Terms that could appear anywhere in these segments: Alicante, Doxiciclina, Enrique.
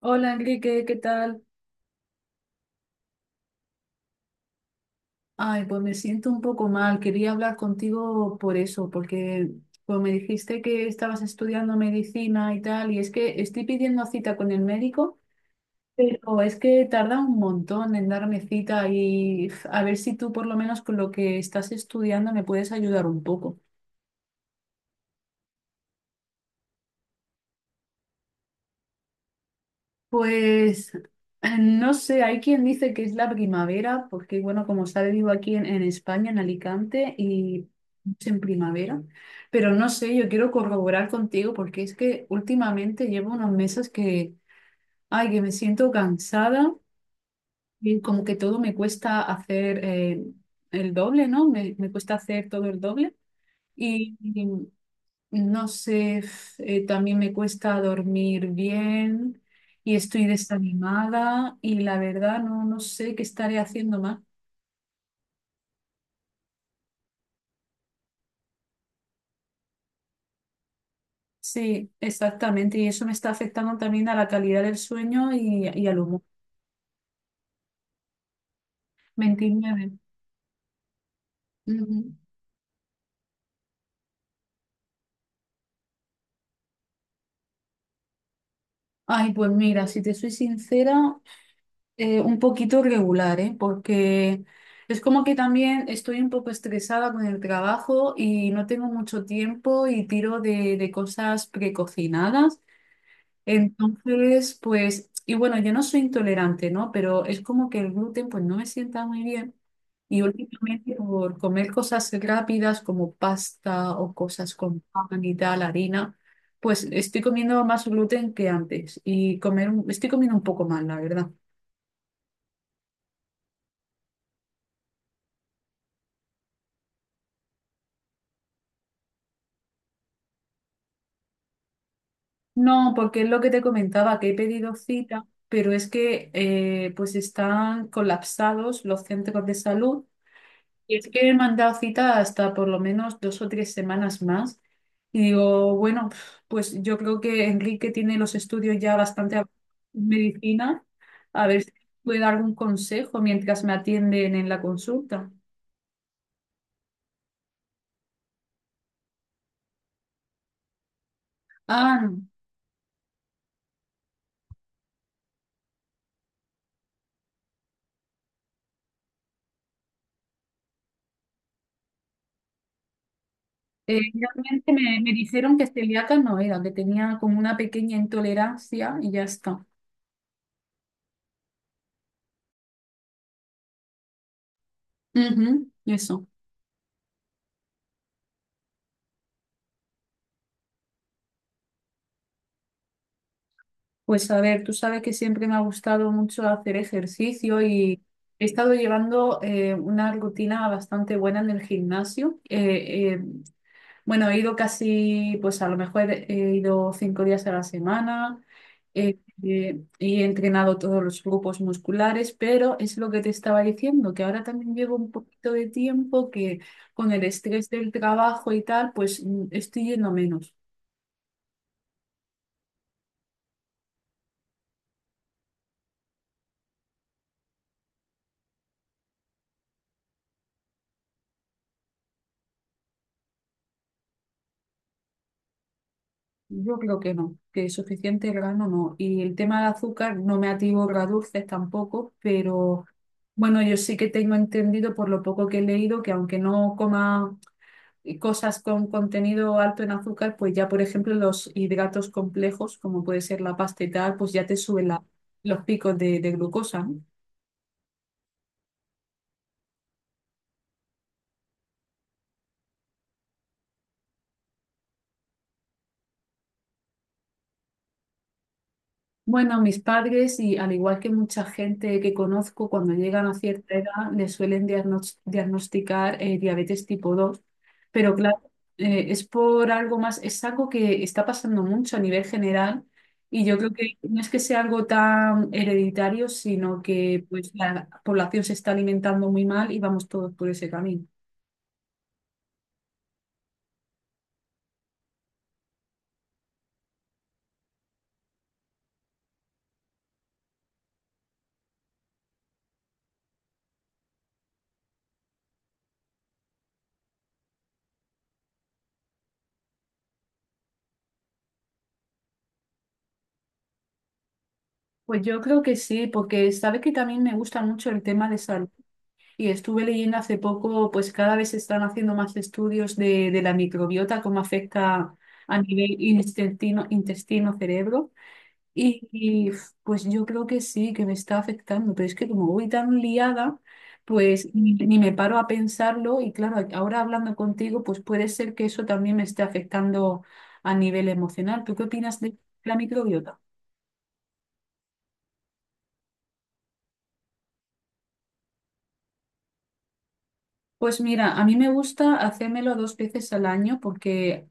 Hola Enrique, ¿qué tal? Ay, pues me siento un poco mal. Quería hablar contigo por eso, porque pues me dijiste que estabas estudiando medicina y tal, y es que estoy pidiendo cita con el médico, pero es que tarda un montón en darme cita y uf, a ver si tú por lo menos con lo que estás estudiando me puedes ayudar un poco. Pues no sé, hay quien dice que es la primavera, porque bueno, como sabe, vivo aquí en España, en Alicante, y es en primavera, pero no sé, yo quiero corroborar contigo porque es que últimamente llevo unos meses que, ay, que me siento cansada y como que todo me cuesta hacer el doble, ¿no? Me cuesta hacer todo el doble. Y, no sé, también me cuesta dormir bien y estoy desanimada y la verdad no sé qué estaré haciendo más. Sí, exactamente. Y eso me está afectando también a la calidad del sueño y al humor. 29. Ujú. Ay, pues mira, si te soy sincera, un poquito regular, ¿eh? Porque es como que también estoy un poco estresada con el trabajo y no tengo mucho tiempo y tiro de cosas precocinadas. Entonces, pues, y bueno, yo no soy intolerante, ¿no? Pero es como que el gluten, pues, no me sienta muy bien. Y últimamente por comer cosas rápidas como pasta o cosas con pan y tal, harina, pues estoy comiendo más gluten que antes y estoy comiendo un poco mal, la verdad. No, porque es lo que te comentaba, que he pedido cita, pero es que pues están colapsados los centros de salud. Y es que he mandado cita hasta por lo menos 2 o 3 semanas más. Y digo, bueno, pues yo creo que Enrique tiene los estudios ya bastante avanzados en medicina. A ver si puede dar algún consejo mientras me atienden en la consulta. Ah, realmente me dijeron que celíaca no era, que tenía como una pequeña intolerancia y ya está. Ujú, eso. Pues a ver, tú sabes que siempre me ha gustado mucho hacer ejercicio y he estado llevando una rutina bastante buena en el gimnasio. Bueno, he ido casi, pues a lo mejor he ido 5 días a la semana, eh, y he entrenado todos los grupos musculares, pero es lo que te estaba diciendo, que ahora también llevo un poquito de tiempo que con el estrés del trabajo y tal, pues estoy yendo menos. Yo creo que no, que suficiente grano no. Y el tema del azúcar, no me ativo a dulces tampoco, pero bueno, yo sí que tengo entendido por lo poco que he leído que aunque no coma cosas con contenido alto en azúcar, pues ya por ejemplo los hidratos complejos, como puede ser la pasta y tal, pues ya te suben la- los picos de glucosa, ¿no? Bueno, mis padres y al igual que mucha gente que conozco, cuando llegan a cierta edad les suelen diagnosticar diabetes tipo 2, pero claro, es por algo más, es algo que está pasando mucho a nivel general y yo creo que no es que sea algo tan hereditario, sino que pues la población se está alimentando muy mal y vamos todos por ese camino. Pues yo creo que sí, porque sabes que también me gusta mucho el tema de salud. Y estuve leyendo hace poco, pues cada vez se están haciendo más estudios de la microbiota, cómo afecta a nivel intestino, cerebro. Y, y, pues yo creo que sí, que me está afectando, pero es que como voy tan liada, pues ni me paro a pensarlo. Y claro, ahora hablando contigo, pues puede ser que eso también me esté afectando a nivel emocional. ¿Tú qué opinas de la microbiota? Pues mira, a mí me gusta hacérmelo 2 veces al año porque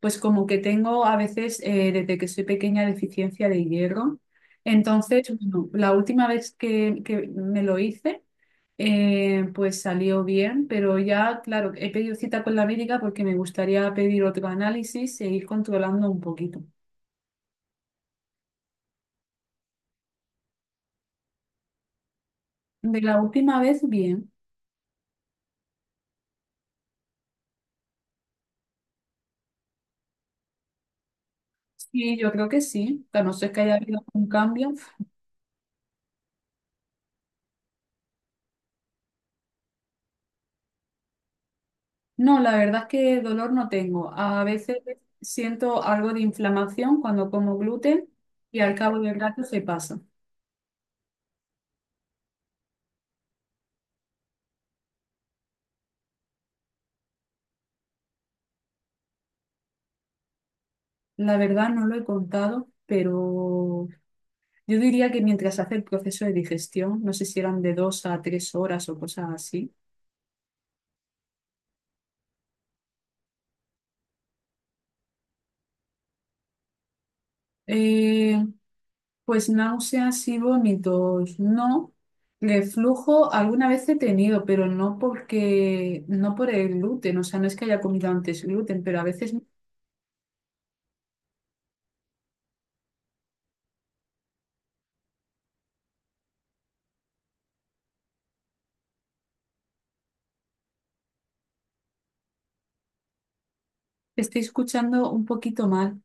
pues como que tengo a veces, desde que soy pequeña, deficiencia de hierro. Entonces, bueno, la última vez que me lo hice, pues salió bien, pero ya, claro, he pedido cita con la médica porque me gustaría pedir otro análisis e ir controlando un poquito. De la última vez, bien. Sí, yo creo que sí. A no ser que haya habido un cambio. No, la verdad es que dolor no tengo. A veces siento algo de inflamación cuando como gluten y al cabo del rato se pasa. La verdad no lo he contado, pero yo diría que mientras hace el proceso de digestión, no sé si eran de 2 a 3 horas o cosas así. eh, pues náuseas y vómitos, no. Reflujo alguna vez he tenido, pero no porque, no por el gluten, o sea, no es que haya comido antes gluten, pero a veces estoy escuchando un poquito mal.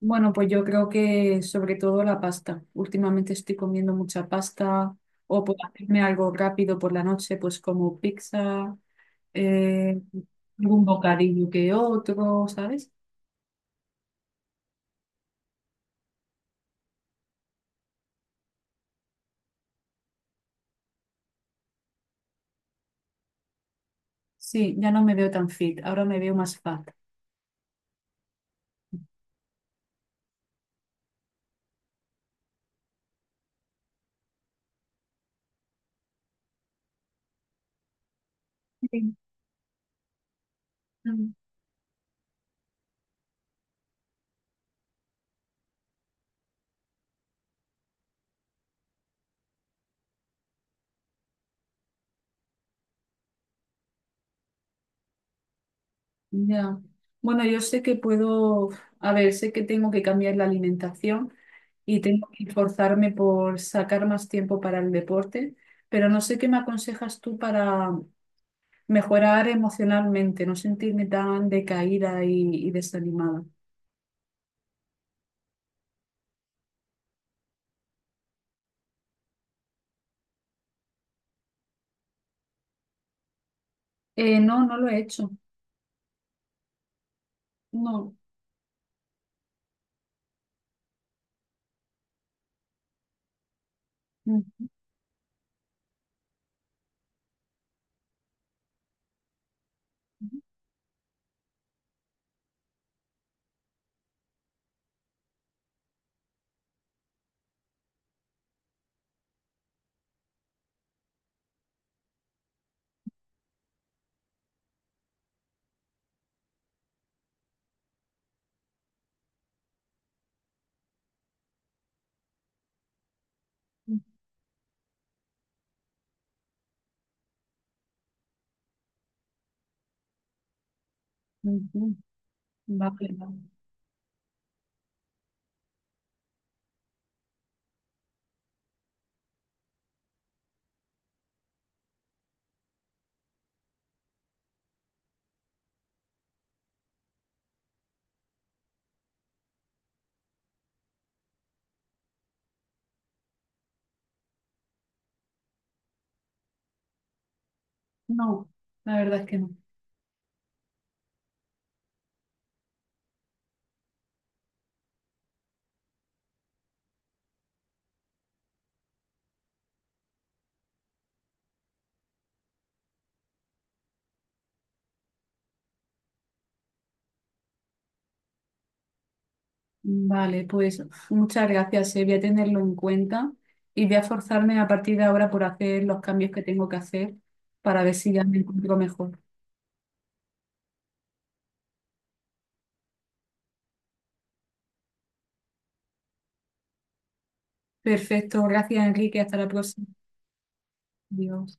Bueno, pues yo creo que sobre todo la pasta. Últimamente estoy comiendo mucha pasta o por hacerme algo rápido por la noche, pues como pizza, eh, algún bocadillo que otro, ¿sabes? Sí, ya no me veo tan fit, ahora me veo más fat. Sí. Mm. Ya. Bueno, yo sé que puedo, a ver, sé que tengo que cambiar la alimentación y tengo que esforzarme por sacar más tiempo para el deporte, pero no sé qué me aconsejas tú para mejorar emocionalmente, no sentirme tan decaída y desanimada. No, no lo he hecho. No. Mm, mm, mm, mm. Vale, vale. No, la verdad es que no. Vale, pues muchas gracias, voy a tenerlo en cuenta y voy a forzarme a partir de ahora por hacer los cambios que tengo que hacer para ver si ya me encuentro mejor. Perfecto, gracias Enrique, hasta la próxima. Adiós.